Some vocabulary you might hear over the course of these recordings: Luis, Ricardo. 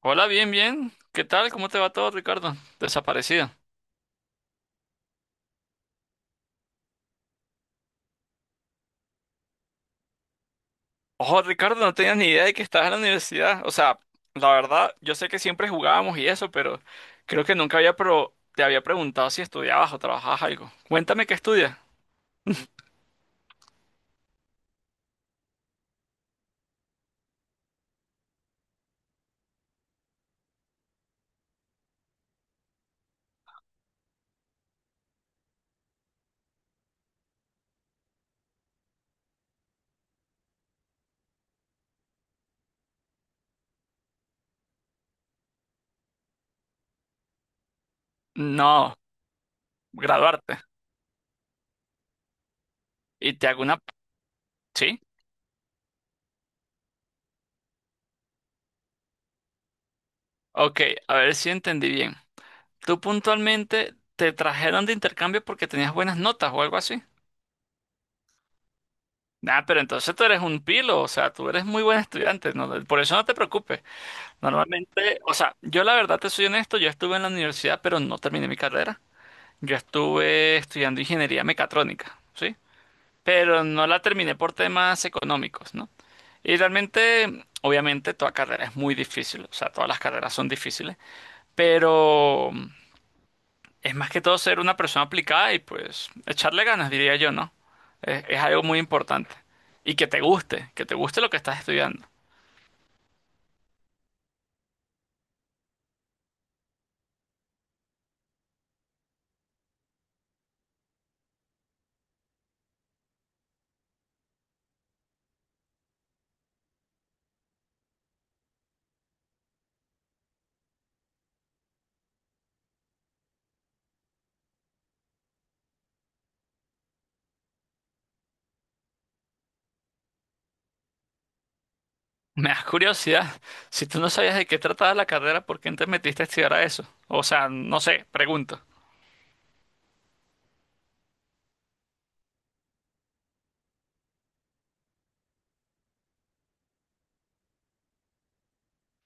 Hola, bien, bien. ¿Qué tal? ¿Cómo te va todo, Ricardo? Desaparecido. Ojo, Ricardo, no tenía ni idea de que estabas en la universidad. O sea, la verdad, yo sé que siempre jugábamos y eso, pero creo que nunca había te había preguntado si estudiabas o trabajabas algo. Cuéntame qué estudias. No, graduarte. Y te hago una... ¿Sí? Ok, a ver si entendí bien. ¿Tú puntualmente te trajeron de intercambio porque tenías buenas notas o algo así? Nah, pero entonces tú eres un pilo, o sea, tú eres muy buen estudiante, ¿no? Por eso no te preocupes. Normalmente, o sea, yo la verdad te soy honesto, yo estuve en la universidad, pero no terminé mi carrera. Yo estuve estudiando ingeniería mecatrónica, ¿sí? Pero no la terminé por temas económicos, ¿no? Y realmente, obviamente, toda carrera es muy difícil, o sea, todas las carreras son difíciles, pero es más que todo ser una persona aplicada y pues echarle ganas, diría yo, ¿no? Es algo muy importante. Y que te guste lo que estás estudiando. Me da curiosidad, si tú no sabías de qué trataba la carrera, ¿por qué no te metiste a estudiar a eso? O sea, no sé, pregunto.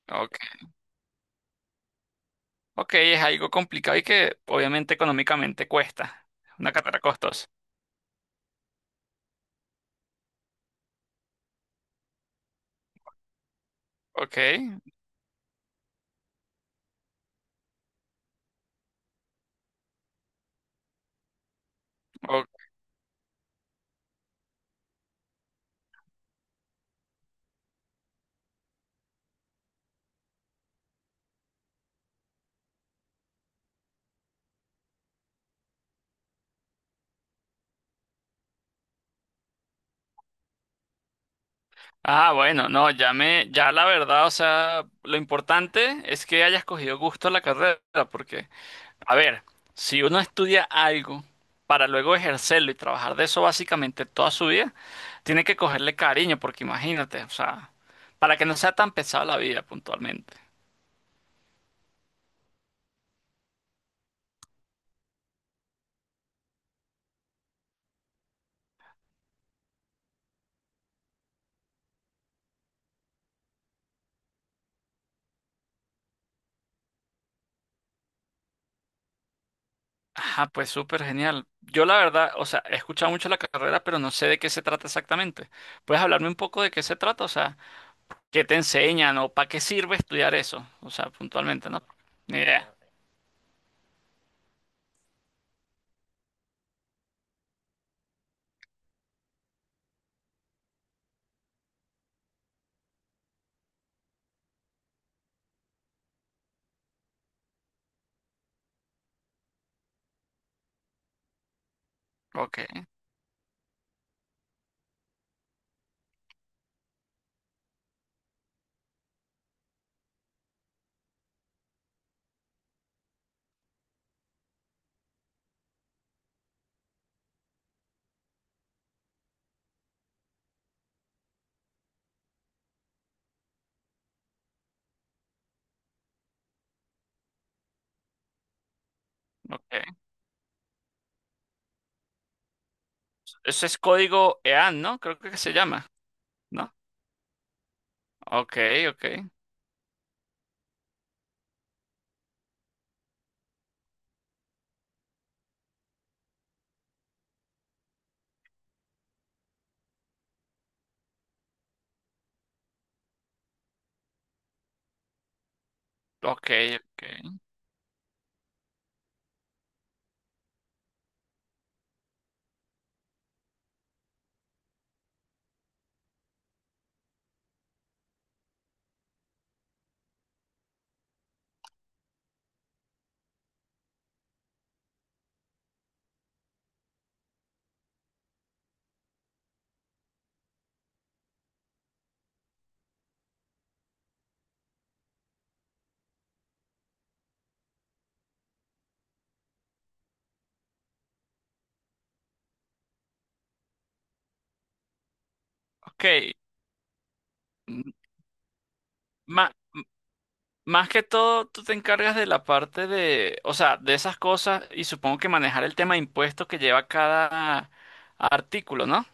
Ok, ok, es algo complicado y que obviamente económicamente cuesta. Una carrera costosa. Ok, o- ah, bueno, no, ya me, ya la verdad, o sea, lo importante es que hayas cogido gusto a la carrera, porque a ver, si uno estudia algo para luego ejercerlo y trabajar de eso básicamente toda su vida, tiene que cogerle cariño, porque imagínate, o sea, para que no sea tan pesada la vida puntualmente. Ajá, pues súper genial. Yo la verdad, o sea, he escuchado mucho la carrera, pero no sé de qué se trata exactamente. ¿Puedes hablarme un poco de qué se trata? O sea, ¿qué te enseñan o para qué sirve estudiar eso? O sea, puntualmente, ¿no? Ni idea. Ok, ok. Eso es código EAN, ¿no? Creo que se llama, ¿no? Ok, ok. Ok, ok. Ok. M- má- más que todo, tú te encargas de la parte de, o sea, de esas cosas y supongo que manejar el tema de impuestos que lleva cada artículo, ¿no?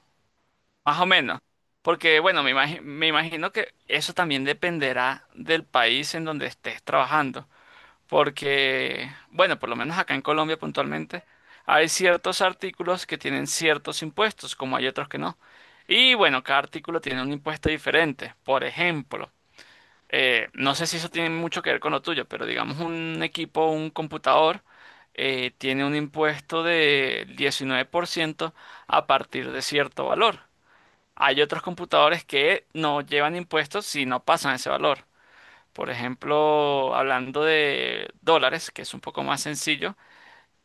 Más o menos. Porque, bueno, me imagino que eso también dependerá del país en donde estés trabajando. Porque, bueno, por lo menos acá en Colombia puntualmente, hay ciertos artículos que tienen ciertos impuestos, como hay otros que no. Y bueno, cada artículo tiene un impuesto diferente. Por ejemplo, no sé si eso tiene mucho que ver con lo tuyo, pero digamos un equipo, un computador, tiene un impuesto de 19% a partir de cierto valor. Hay otros computadores que no llevan impuestos si no pasan ese valor. Por ejemplo, hablando de dólares, que es un poco más sencillo,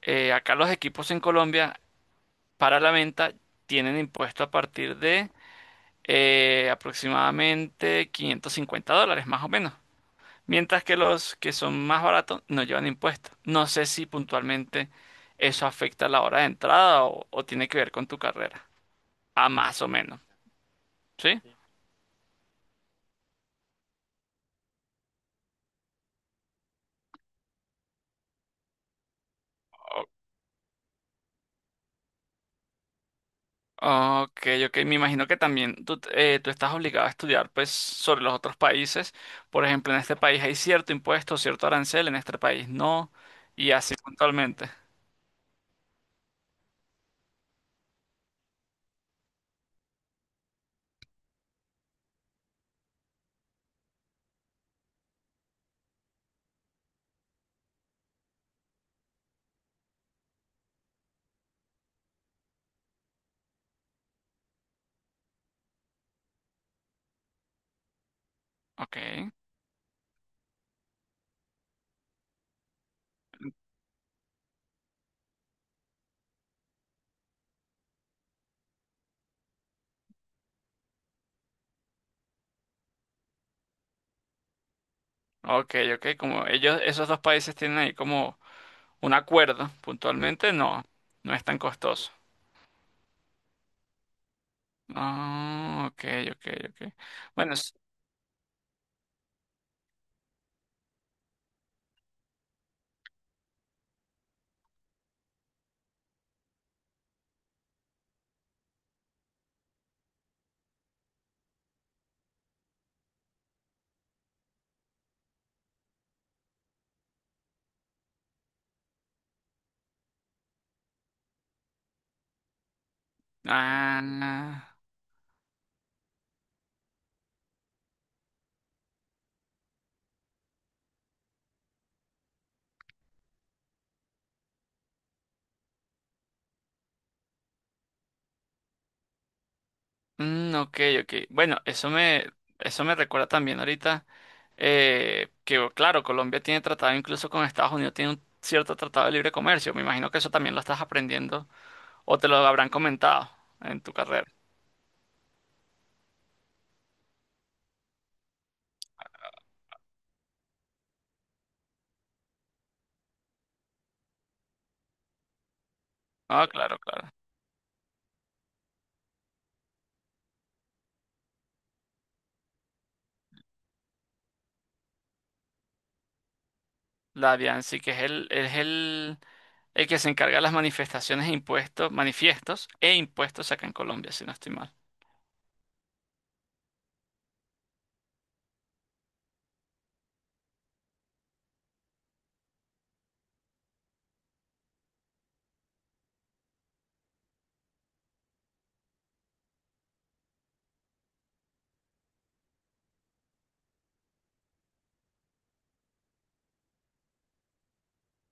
acá los equipos en Colombia para la venta tienen impuesto a partir de aproximadamente $550, más o menos. Mientras que los que son más baratos no llevan impuestos. No sé si puntualmente eso afecta la hora de entrada o tiene que ver con tu carrera. A más o menos. ¿Sí? O- ok, ok. Me imagino que también tú, tú estás obligado a estudiar pues sobre los otros países. Por ejemplo, en este país hay cierto impuesto, cierto arancel, en este país no. Y así puntualmente. Ok, ok, ok. Como ellos, esos dos países tienen ahí como un acuerdo puntualmente, no, no es tan costoso. Ah, ok, ok, ok. Bueno, ah, mm, ok, ok. Bueno, eso me recuerda también ahorita oh, claro, Colombia tiene tratado incluso con Estados Unidos, tiene un cierto tratado de libre comercio. Me imagino que eso también lo estás aprendiendo o te lo habrán comentado en tu carrera. Ah, claro, claro. La sí, que es el que se encarga de las manifestaciones e impuestos, manifiestos e impuestos acá en Colombia, si no estoy mal.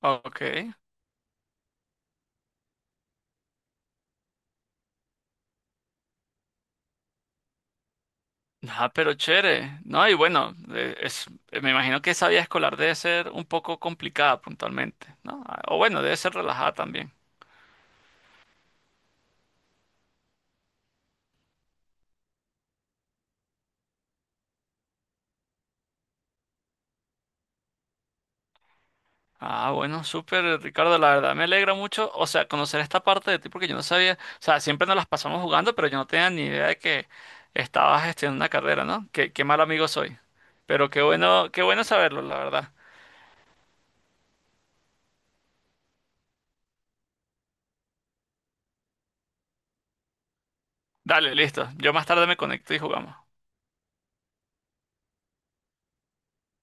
Ok. Ah, pero chévere. No, y bueno, me imagino que esa vida escolar debe ser un poco complicada puntualmente, ¿no? Ah, o bueno, debe ser relajada también. Ah, bueno, súper, Ricardo, la verdad me alegra mucho, o sea, conocer esta parte de ti porque yo no sabía, o sea, siempre nos las pasamos jugando, pero yo no tenía ni idea de que estabas estudiando una carrera, ¿no? Qué, qué mal amigo soy. Pero qué bueno saberlo, la verdad. Dale, listo. Yo más tarde me conecto y jugamos.